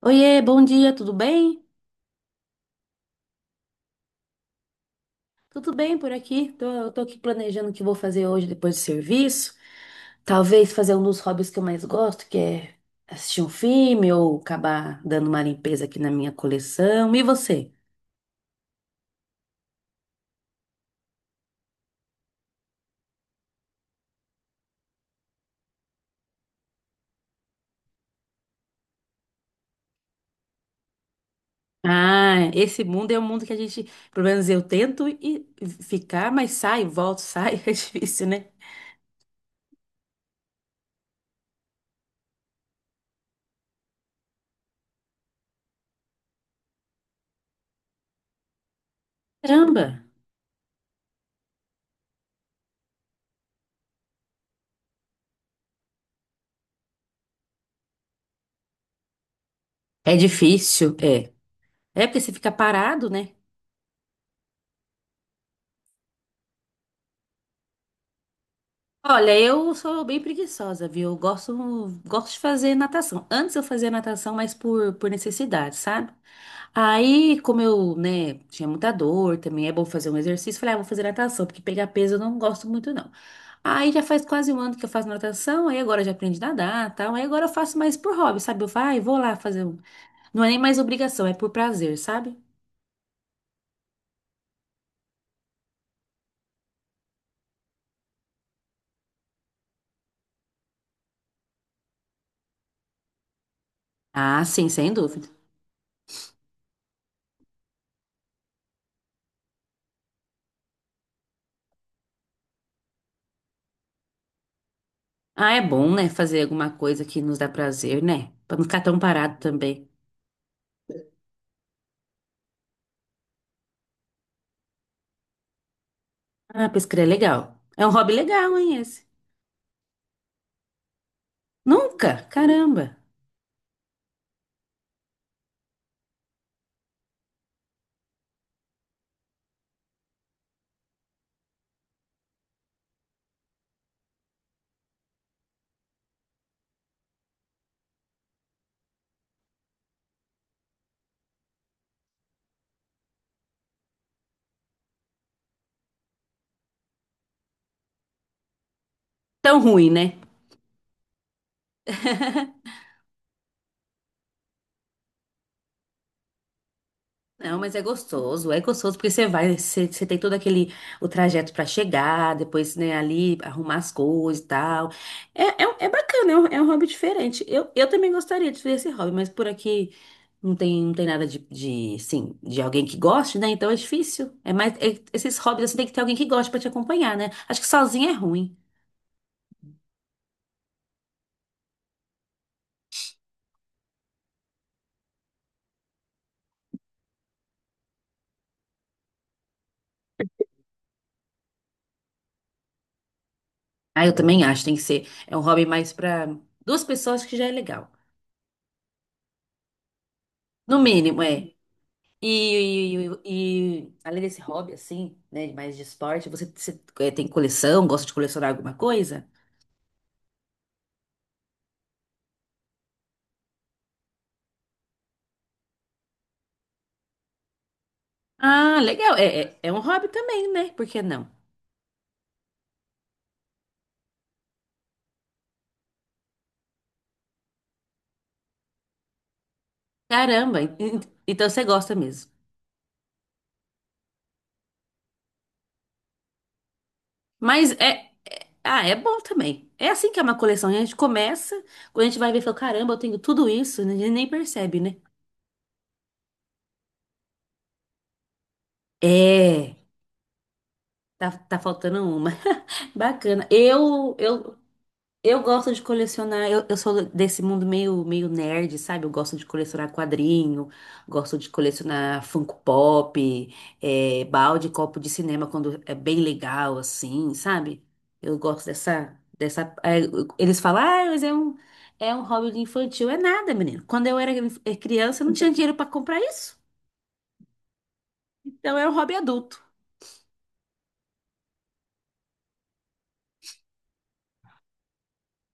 Oiê, bom dia, tudo bem? Tudo bem por aqui? Eu tô aqui planejando o que vou fazer hoje depois do serviço. Talvez fazer um dos hobbies que eu mais gosto, que é assistir um filme ou acabar dando uma limpeza aqui na minha coleção. E você? Ah, esse mundo é um mundo que a gente, pelo menos eu tento e ficar, mas sai, volto, sai, é difícil, né? Caramba! É difícil, é. É porque você fica parado, né? Olha, eu sou bem preguiçosa, viu? Eu gosto de fazer natação. Antes eu fazia natação, mas por necessidade, sabe? Aí, como eu, né, tinha muita dor, também é bom fazer um exercício, falei, ah, vou fazer natação, porque pegar peso eu não gosto muito, não. Aí já faz quase um ano que eu faço natação, aí agora eu já aprendi a nadar, tal. Aí agora eu faço mais por hobby, sabe? Eu falo, ah, eu vou lá fazer um. Não é nem mais obrigação, é por prazer, sabe? Ah, sim, sem dúvida. Ah, é bom, né, fazer alguma coisa que nos dá prazer, né? Pra não ficar tão parado também. Ah, pescar é legal. É um hobby legal, hein, esse? Nunca? Caramba. Tão ruim, né? Não, mas é gostoso porque você tem todo aquele o trajeto pra chegar, depois, né, ali arrumar as coisas e tal. É bacana, é um hobby diferente. Eu também gostaria de fazer esse hobby, mas por aqui não tem, não tem nada de assim, de alguém que goste, né? Então é difícil. Esses hobbies assim, tem que ter alguém que goste pra te acompanhar, né? Acho que sozinho é ruim. Ah, eu também acho, tem que ser. É um hobby mais para duas pessoas que já é legal. No mínimo, é. E, e além desse hobby, assim, né, mais de esporte, você, é, tem coleção, gosta de colecionar alguma coisa? Ah, legal. É um hobby também, né? Por que não? Caramba, então você gosta mesmo. Mas é. Ah, é bom também. É assim que é uma coleção. A gente começa, quando a gente vai ver, fala, caramba, eu tenho tudo isso, né? A gente nem percebe, né? É, tá faltando uma. Bacana. Eu gosto de colecionar, eu sou desse mundo meio nerd, sabe? Eu gosto de colecionar quadrinho, gosto de colecionar Funko Pop, é, balde, copo de cinema quando é bem legal, assim, sabe? Eu gosto dessa. Eles falam, ah, mas é um hobby infantil. É nada, menino. Quando eu era criança, eu não tinha dinheiro para comprar isso. Então é um hobby adulto.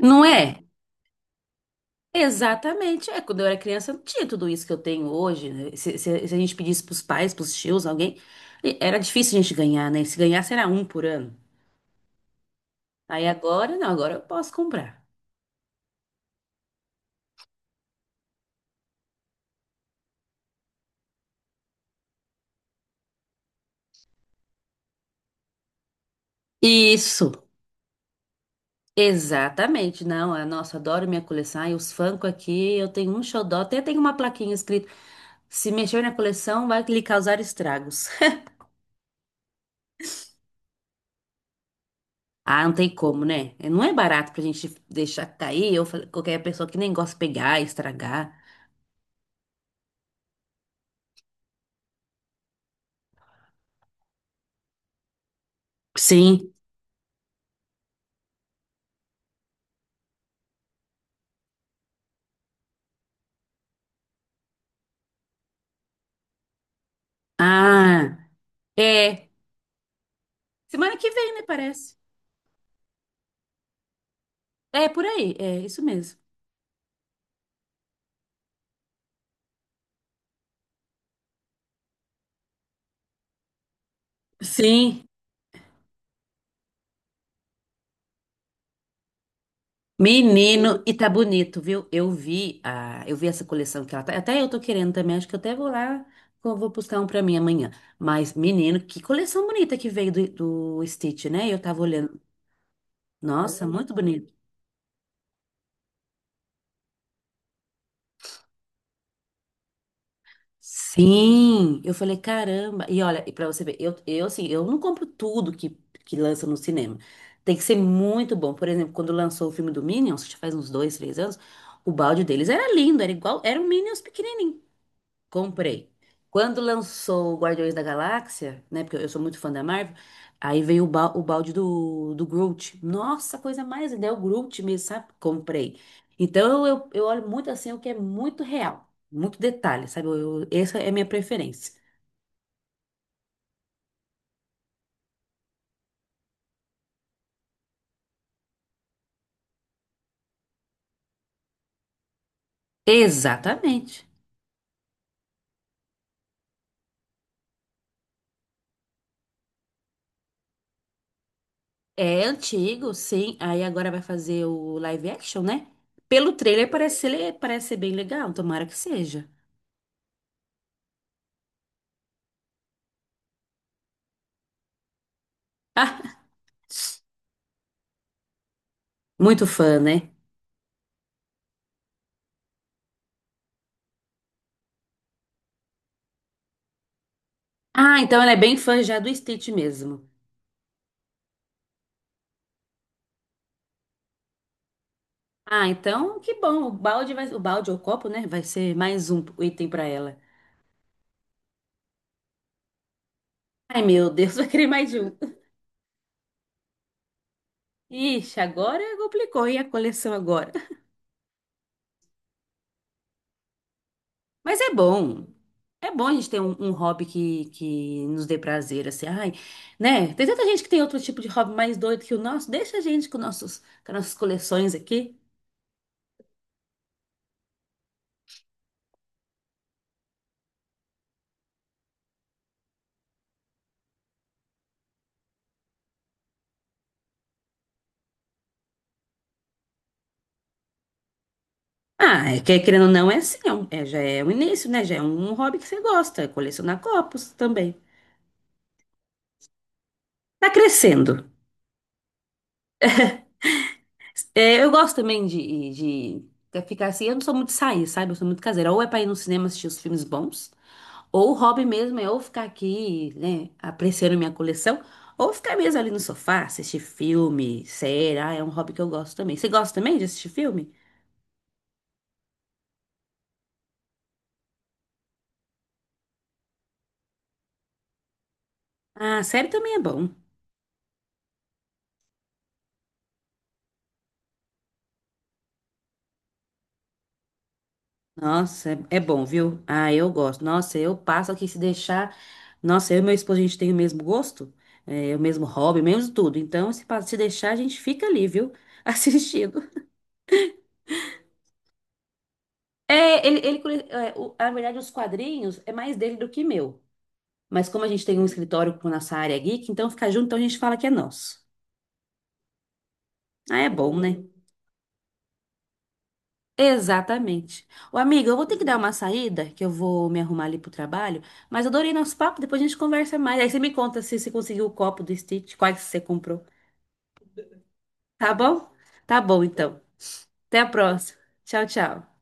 Não é? Exatamente. É, quando eu era criança, não tinha tudo isso que eu tenho hoje, né? Se a gente pedisse pros pais, pros tios, alguém, era difícil a gente ganhar, né? Se ganhasse era um por ano. Aí agora, não, agora eu posso comprar. Isso, exatamente. Não, ah, nossa, adoro minha coleção. E os Funko aqui, eu tenho um xodó, até tem uma plaquinha escrito: se mexer na coleção, vai lhe causar estragos. Ah, não tem como, né? Não é barato pra gente deixar cair, ou qualquer pessoa que nem gosta de pegar, estragar. Sim. Ah. É, semana que vem, né, parece. É, por aí, é isso mesmo. Sim, menino, e tá bonito, viu? Eu vi essa coleção que ela tá, até eu tô querendo também, acho que eu até vou lá, eu vou buscar um pra mim amanhã. Mas, menino, que coleção bonita que veio do Stitch, né? Eu tava olhando, nossa, muito bonito. Sim, eu falei, caramba. E olha, e para você ver, eu assim, eu não compro tudo que lança no cinema. Tem que ser muito bom. Por exemplo, quando lançou o filme do Minions, que já faz uns dois, três anos, o balde deles era lindo, era igual, era um Minions pequenininho. Comprei. Quando lançou o Guardiões da Galáxia, né? Porque eu sou muito fã da Marvel, aí veio o balde do Groot. Nossa, coisa mais linda, é o Groot mesmo, sabe? Comprei. Então eu olho muito assim o que é muito real, muito detalhe, sabe? Essa é a minha preferência. Exatamente. É antigo, sim. Aí agora vai fazer o live action, né? Pelo trailer parece ser bem legal, tomara que seja. Muito fã, né? Ah, então ela é bem fã já do Stitch mesmo. Ah, então que bom. O balde vai, o balde ou o copo, né? Vai ser mais um item pra ela. Ai, meu Deus, vai querer mais de um. Ixi, agora complicou. E a coleção agora? Mas é bom. É bom a gente ter um hobby que nos dê prazer, assim. Ai, né? Tem tanta gente que tem outro tipo de hobby mais doido que o nosso. Deixa a gente com nossos, com as nossas coleções aqui. Ah, é que querendo ou não, é assim. Já é um início, né? Já é um hobby que você gosta. É colecionar copos também. Tá crescendo. É, eu gosto também de ficar assim. Eu não sou muito de sair, sabe? Eu sou muito caseira. Ou é pra ir no cinema assistir os filmes bons, ou o hobby mesmo é ou ficar aqui, né, apreciando minha coleção, ou ficar mesmo ali no sofá, assistir filme, série. Ah, é um hobby que eu gosto também. Você gosta também de assistir filme? Ah, série também é bom. Nossa, é, é bom, viu? Ah, eu gosto. Nossa, eu passo aqui se deixar. Nossa, eu e meu esposo, a gente tem o mesmo gosto, é, o mesmo hobby, mesmo tudo. Então, se deixar, a gente fica ali, viu? Assistindo. É, ele, na verdade, os quadrinhos é mais dele do que meu. Mas como a gente tem um escritório com nossa área geek, então fica junto, então a gente fala que é nosso. Ah, é bom, né? Exatamente. Ô, amiga, eu vou ter que dar uma saída, que eu vou me arrumar ali pro trabalho, mas adorei nosso papo, depois a gente conversa mais. Aí você me conta se você conseguiu o copo do Stitch, quais você comprou. Tá bom? Tá bom, então. Até a próxima. Tchau, tchau.